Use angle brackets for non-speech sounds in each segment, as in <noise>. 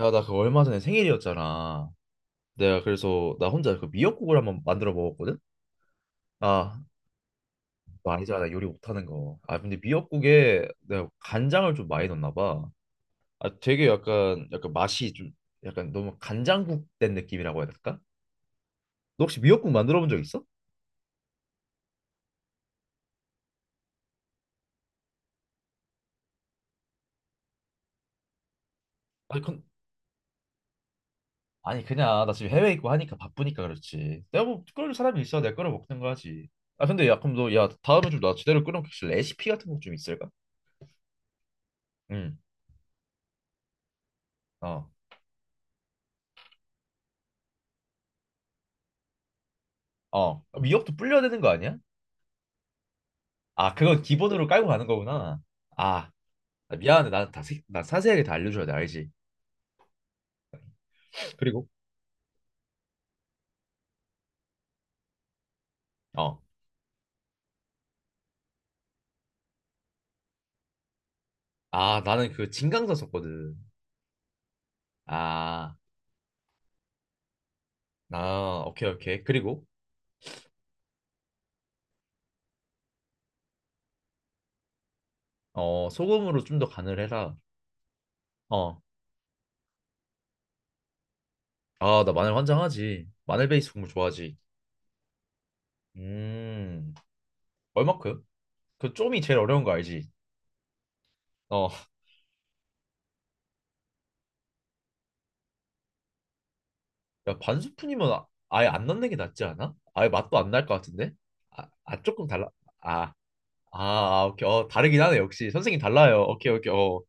야, 나 그 얼마 전에 생일이었잖아. 내가 그래서 나 혼자 그 미역국을 한번 만들어 먹었거든? 아, 너 알잖아. 나 요리 못하는 거. 아, 근데 미역국에 내가 간장을 좀 많이 넣었나 봐. 아, 되게 약간 맛이 좀 약간 너무 간장국 된 느낌이라고 해야 될까? 너 혹시 미역국 만들어 본 적 있어? 아니, 그, 아니, 그냥 나 지금 해외에 있고 하니까 바쁘니까 그렇지. 내가 뭐 끓여줄 사람이 있어. 내가 끓여 먹는 거 하지. 아, 근데 야, 그럼 너, 야, 다음에 좀 나 제대로 끓여 먹을 레시피 같은 거 좀 있을까? 응, 어. 어, 미역도 불려야 되는 거 아니야? 아, 그건 기본으로 깔고 가는 거구나. 아, 나 미안한데 나는 나 자세하게 다 알려줘야 돼, 알지? 그리고 어. 아, 나는 그 진강사 썼거든. 아, 나, 오케이. 그리고, 어, 소금으로 좀 더 간을 해라. 어. 아, 나 마늘 환장하지. 마늘 베이스 국물 좋아하지. 음, 얼마큼? 그 좀이 제일 어려운 거 알지? 어, 야, 반 스푼이면 아, 예안 넣는 게 낫지 않아? 아예 맛도 안 날 것 같은데? 아, 아, 조금 달라. 아 아, 아, 오케이. 어, 다르긴 하네, 역시. 선생님 달라요. 오케이. 어.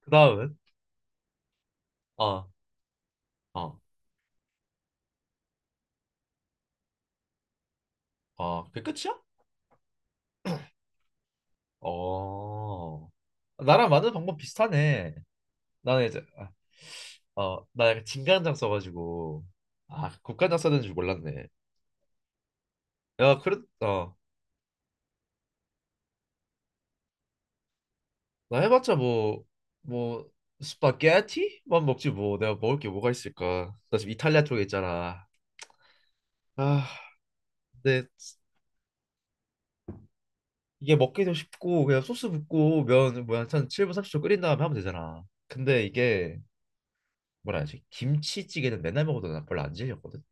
그 다음은? 어, 어, 어. 그게 끝이야? 어. 나랑 만드는 방법 비슷하네. 나는 이제, 아, 어, 나 약간 진간장 써가지고. 아, 국간장 써야 되는 줄 몰랐네. 야, 그래, 어. 나 해봤자 뭐, 스파게티만 먹지 뭐. 내가 먹을 게 뭐가 있을까. 나 지금 이탈리아 쪽에 있잖아. 아, 근 이게 먹기도 쉽고 그냥 소스 붓고 면 뭐야 한 7분 30초 끓인 다음에 하면 되잖아. 근데 이게 뭐라 하지? 김치찌개는 맨날 먹어도 나 별로 안 질렸거든.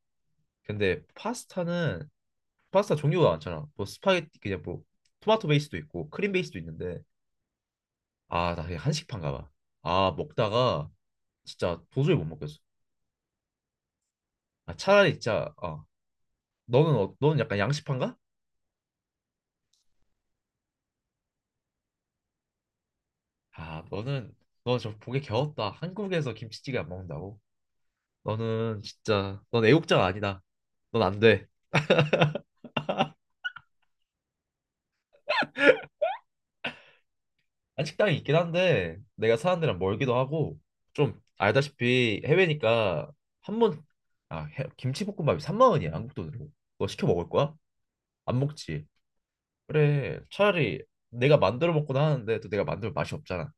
근데 파스타는 파스타 종류가 많잖아. 뭐 스파게티 그냥 뭐 토마토 베이스도 있고 크림 베이스도 있는데 아 나 그냥 한식판가 봐. 아 먹다가 진짜 도저히 못 먹겠어. 아 차라리 진짜 어 너는 어, 너는 약간 양식판가? 아 너는 너 저 보기 겨웠다. 한국에서 김치찌개 안 먹는다고? 너는 진짜 넌 애국자가 아니다. 넌 안 돼. 한 식당이 있긴 한데 내가 사는 데랑 멀기도 하고 좀 알다시피 해외니까 한 번, 아, 해- 김치볶음밥이 3만 원이야, 한국 돈으로. 그거 시켜 먹을 거야? 안 먹지. 그래, 차라리 내가 만들어 먹곤 하는데 또 내가 만들면 맛이 없잖아.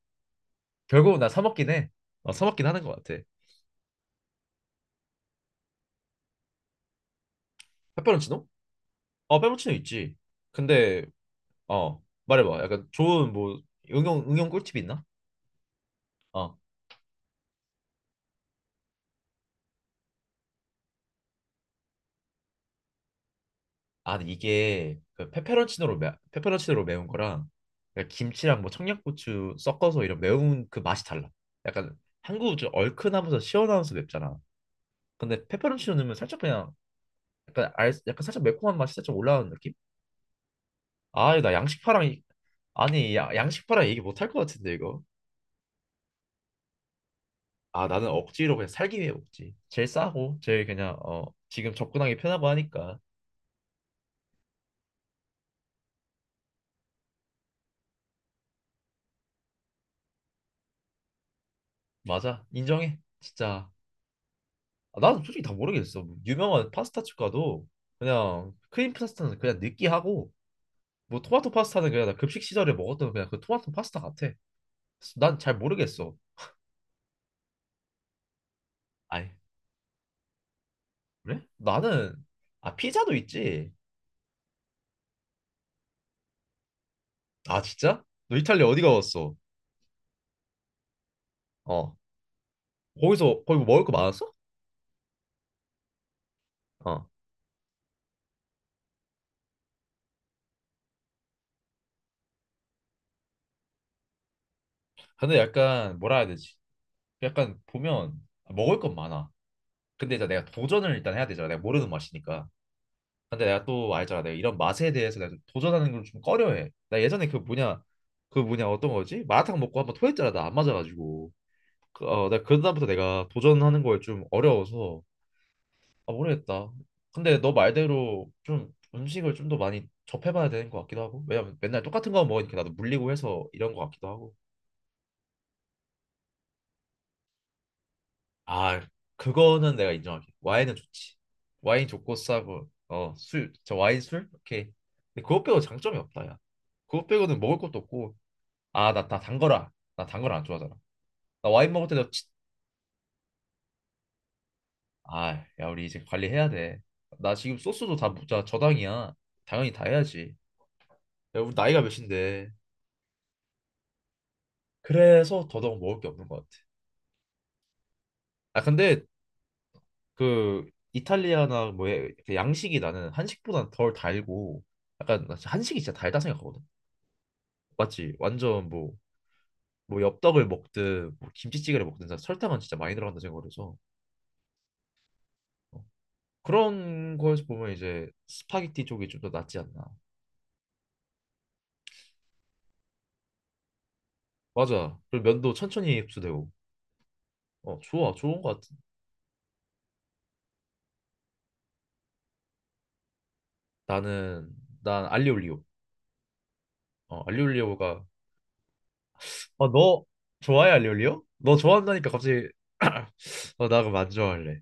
결국은 나 사 먹긴 해. 어, 사 먹긴 하는 것 같아. 페페론치노? 어, 페페론치노 있지. 근데 어, 말해봐. 약간 좋은 뭐 응용 꿀팁 있나? 어. 아, 근데 이게 페페론치노로 매운 거랑 그냥 김치랑 뭐 청양고추 섞어서 이런 매운 그 맛이 달라. 약간 한국은 좀 얼큰하면서 시원하면서 맵잖아. 근데 페페론치노 넣으면 살짝 그냥 약간 살짝 매콤한 맛이 살짝 올라오는 느낌? 아, 나 양식파랑 이- 아니 야, 양식파랑 얘기 못 할 것 같은데 이거. 아, 나는 억지로 그냥 살기 위해 먹지. 제일 싸고 제일 그냥 어 지금 접근하기 편하고 하니까. 맞아, 인정해. 진짜. 아, 나는 솔직히 다 모르겠어. 뭐 유명한 파스타집 가도 그냥 크림 파스타는 그냥 느끼하고 뭐 토마토 파스타는 그냥 나 급식 시절에 먹었던 그냥 그 토마토 파스타 같아. 난 잘 모르겠어. 아니, 그래? 나는 아 피자도 있지. 아 진짜? 너 이탈리아 어디 가봤어? 어. 거기서 거기 뭐 먹을 거 많았어? 어. 근데 약간 뭐라 해야 되지? 약간 보면 아, 먹을 건 많아. 근데 이제 내가 도전을 일단 해야 되잖아. 내가 모르는 맛이니까. 근데 내가 또 알잖아. 내가 이런 맛에 대해서 내가 좀 도전하는 걸 좀 꺼려해. 나 예전에 그 뭐냐, 그 뭐냐 어떤 거지? 마라탕 먹고 한번 토했잖아. 나 안 맞아가지고. 그, 어, 나 그다음부터 내가 도전하는 걸 좀 어려워서 아 모르겠다. 근데 너 말대로 좀 음식을 좀 더 많이 접해봐야 되는 것 같기도 하고. 왜냐면 맨날 똑같은 거 먹으니까 나도 물리고 해서 이런 것 같기도 하고. 아 그거는 내가 인정할게. 와인은 좋지. 와인 좋고 싸고 어 술, 저 와인 술 오케이. 근데 그것 빼고 장점이 없다 야. 그것 빼고는 먹을 것도 없고 아, 나, 나 단거라. 나 단거라 안 좋아하잖아. 나 와인 먹을 때도 치... 아, 야, 우리 이제 관리해야 돼. 나 지금 소스도 다 무자 저당이야. 당연히 다 해야지. 야, 우리 나이가 몇인데. 그래서 더더욱 먹을 게 없는 것 같아. 아, 근데 그 이탈리아나 뭐 해- 그 양식이 나는 한식보다 덜 달고 약간 나 진짜 한식이 진짜 달다 생각하거든. 맞지? 완전 뭐 뭐 엽떡을 먹든 뭐 김치찌개를 먹든 다 설탕은 진짜 많이 들어간다 생각을 해서 어. 그런 거에서 보면 이제 스파게티 쪽이 좀 더 낫지 않나. 맞아. 그리고 면도 천천히 흡수되고. 어, 좋아. 좋은 것 같아. 나는, 난 알리올리오. 어, 알리올리오가. 어, 너 좋아해, 알리올리오? 너 좋아한다니까 갑자기. <clears throat> 어, 나 그럼 안 좋아할래.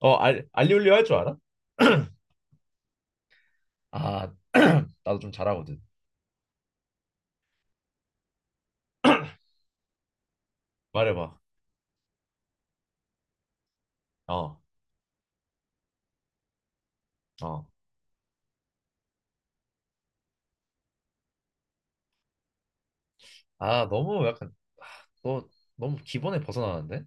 어, 알리올리오 할 줄 알아? 아, <clears throat> 나도 좀 잘하거든. 말해봐. 어, 어. 아, 너무 약간, 너 너무 기본에 벗어나는데?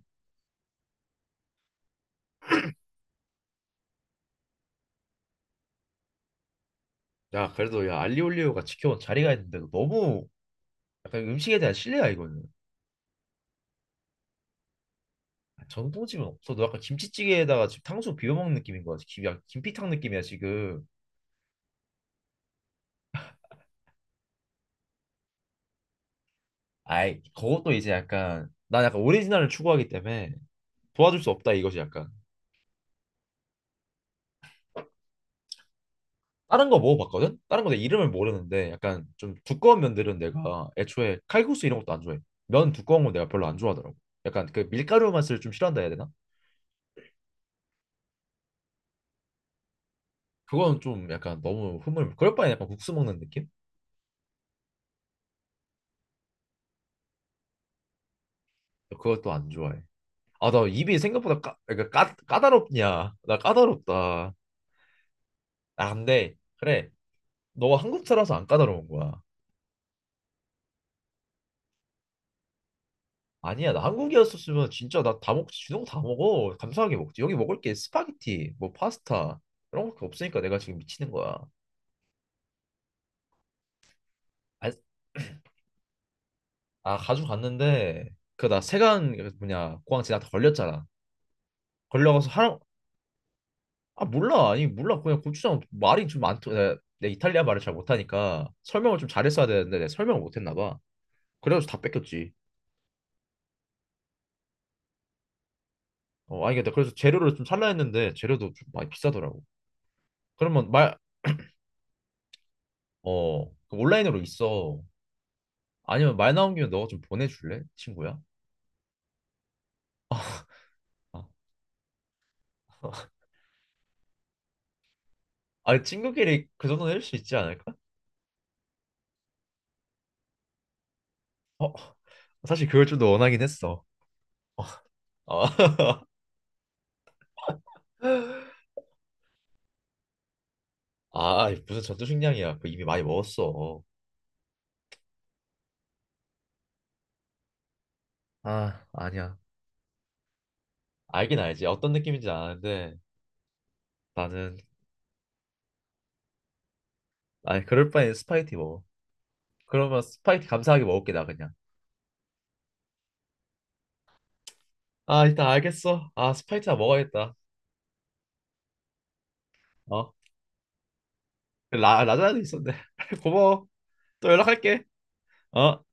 야, 그래도 야, 알리올리오가 지켜온 자리가 있는데, 너 너무 약간 음식에 대한 신뢰야, 이거는. 아, 전통집은 없어. 너 약간 김치찌개에다가 지금 탕수육 비벼 먹는 느낌인 거야. 김, 약 김피탕 느낌이야 지금. 아이 그것도 이제 약간 난 약간 오리지널을 추구하기 때문에 도와줄 수 없다 이것이 약간. 다른 거 먹어봤거든? 다른 거 내 이름을 모르는데 약간 좀 두꺼운 면들은 내가 애초에 칼국수 이런 것도 안 좋아해. 면 두꺼운 건 내가 별로 안 좋아하더라고. 약간 그 밀가루 맛을 좀 싫어한다 해야 되나? 그건 좀 약간 너무 흐물. 그럴 바에 약간 국수 먹는 느낌? 그것도 안 좋아해. 아, 나 입이 생각보다 까다롭냐? 나 까다롭다. 아, 근데 그래. 너가 한국 살아서 안 까다로운 거야. 아니야. 나 한국이었었으면 진짜 나 다 먹지. 주는 거다 먹어. 감사하게 먹지. 여기 먹을 게 스파게티, 뭐 파스타 이런 거 없으니까 내가 지금 미치는 거야. 아, 아 가져갔는데 그 나 세관 그 뭐냐 공항 지나다 걸렸잖아. 걸려가서 하라 아 몰라. 아니 몰라. 그냥 고추장 말이 좀 많더. 내가 이탈리아 말을 잘 못하니까 설명을 좀 잘했어야 되는데 내가 설명을 못했나 봐. 그래가지고 다 뺏겼지. 어, 아니 근데 그래서 재료를 좀 살라 했는데 재료도 좀 많이 비싸더라고. 그러면 말 어, 그 온라인으로 있어. 아니면 말 나온 김에 너가 좀 보내줄래? 친구야? 아, <laughs> 아니, 친구끼리 그 정도는 해줄 수 있지 않을까? 사실 그걸 좀 더 원하긴 했어. 아, <laughs> 아, 무슨 전투식량이야. 그 이미 많이 먹었어. 아, 아니야. 알긴 알지. 어떤 느낌인지 아는데 나는 아니 그럴 바엔 스파게티 먹어. 그러면 스파게티 감사하게 먹을게 나 그냥. 아, 일단 알겠어. 아, 스파게티 나 먹어야겠다. 어? 라자나도 있었네. <laughs> 고마워. 또 연락할게. 어?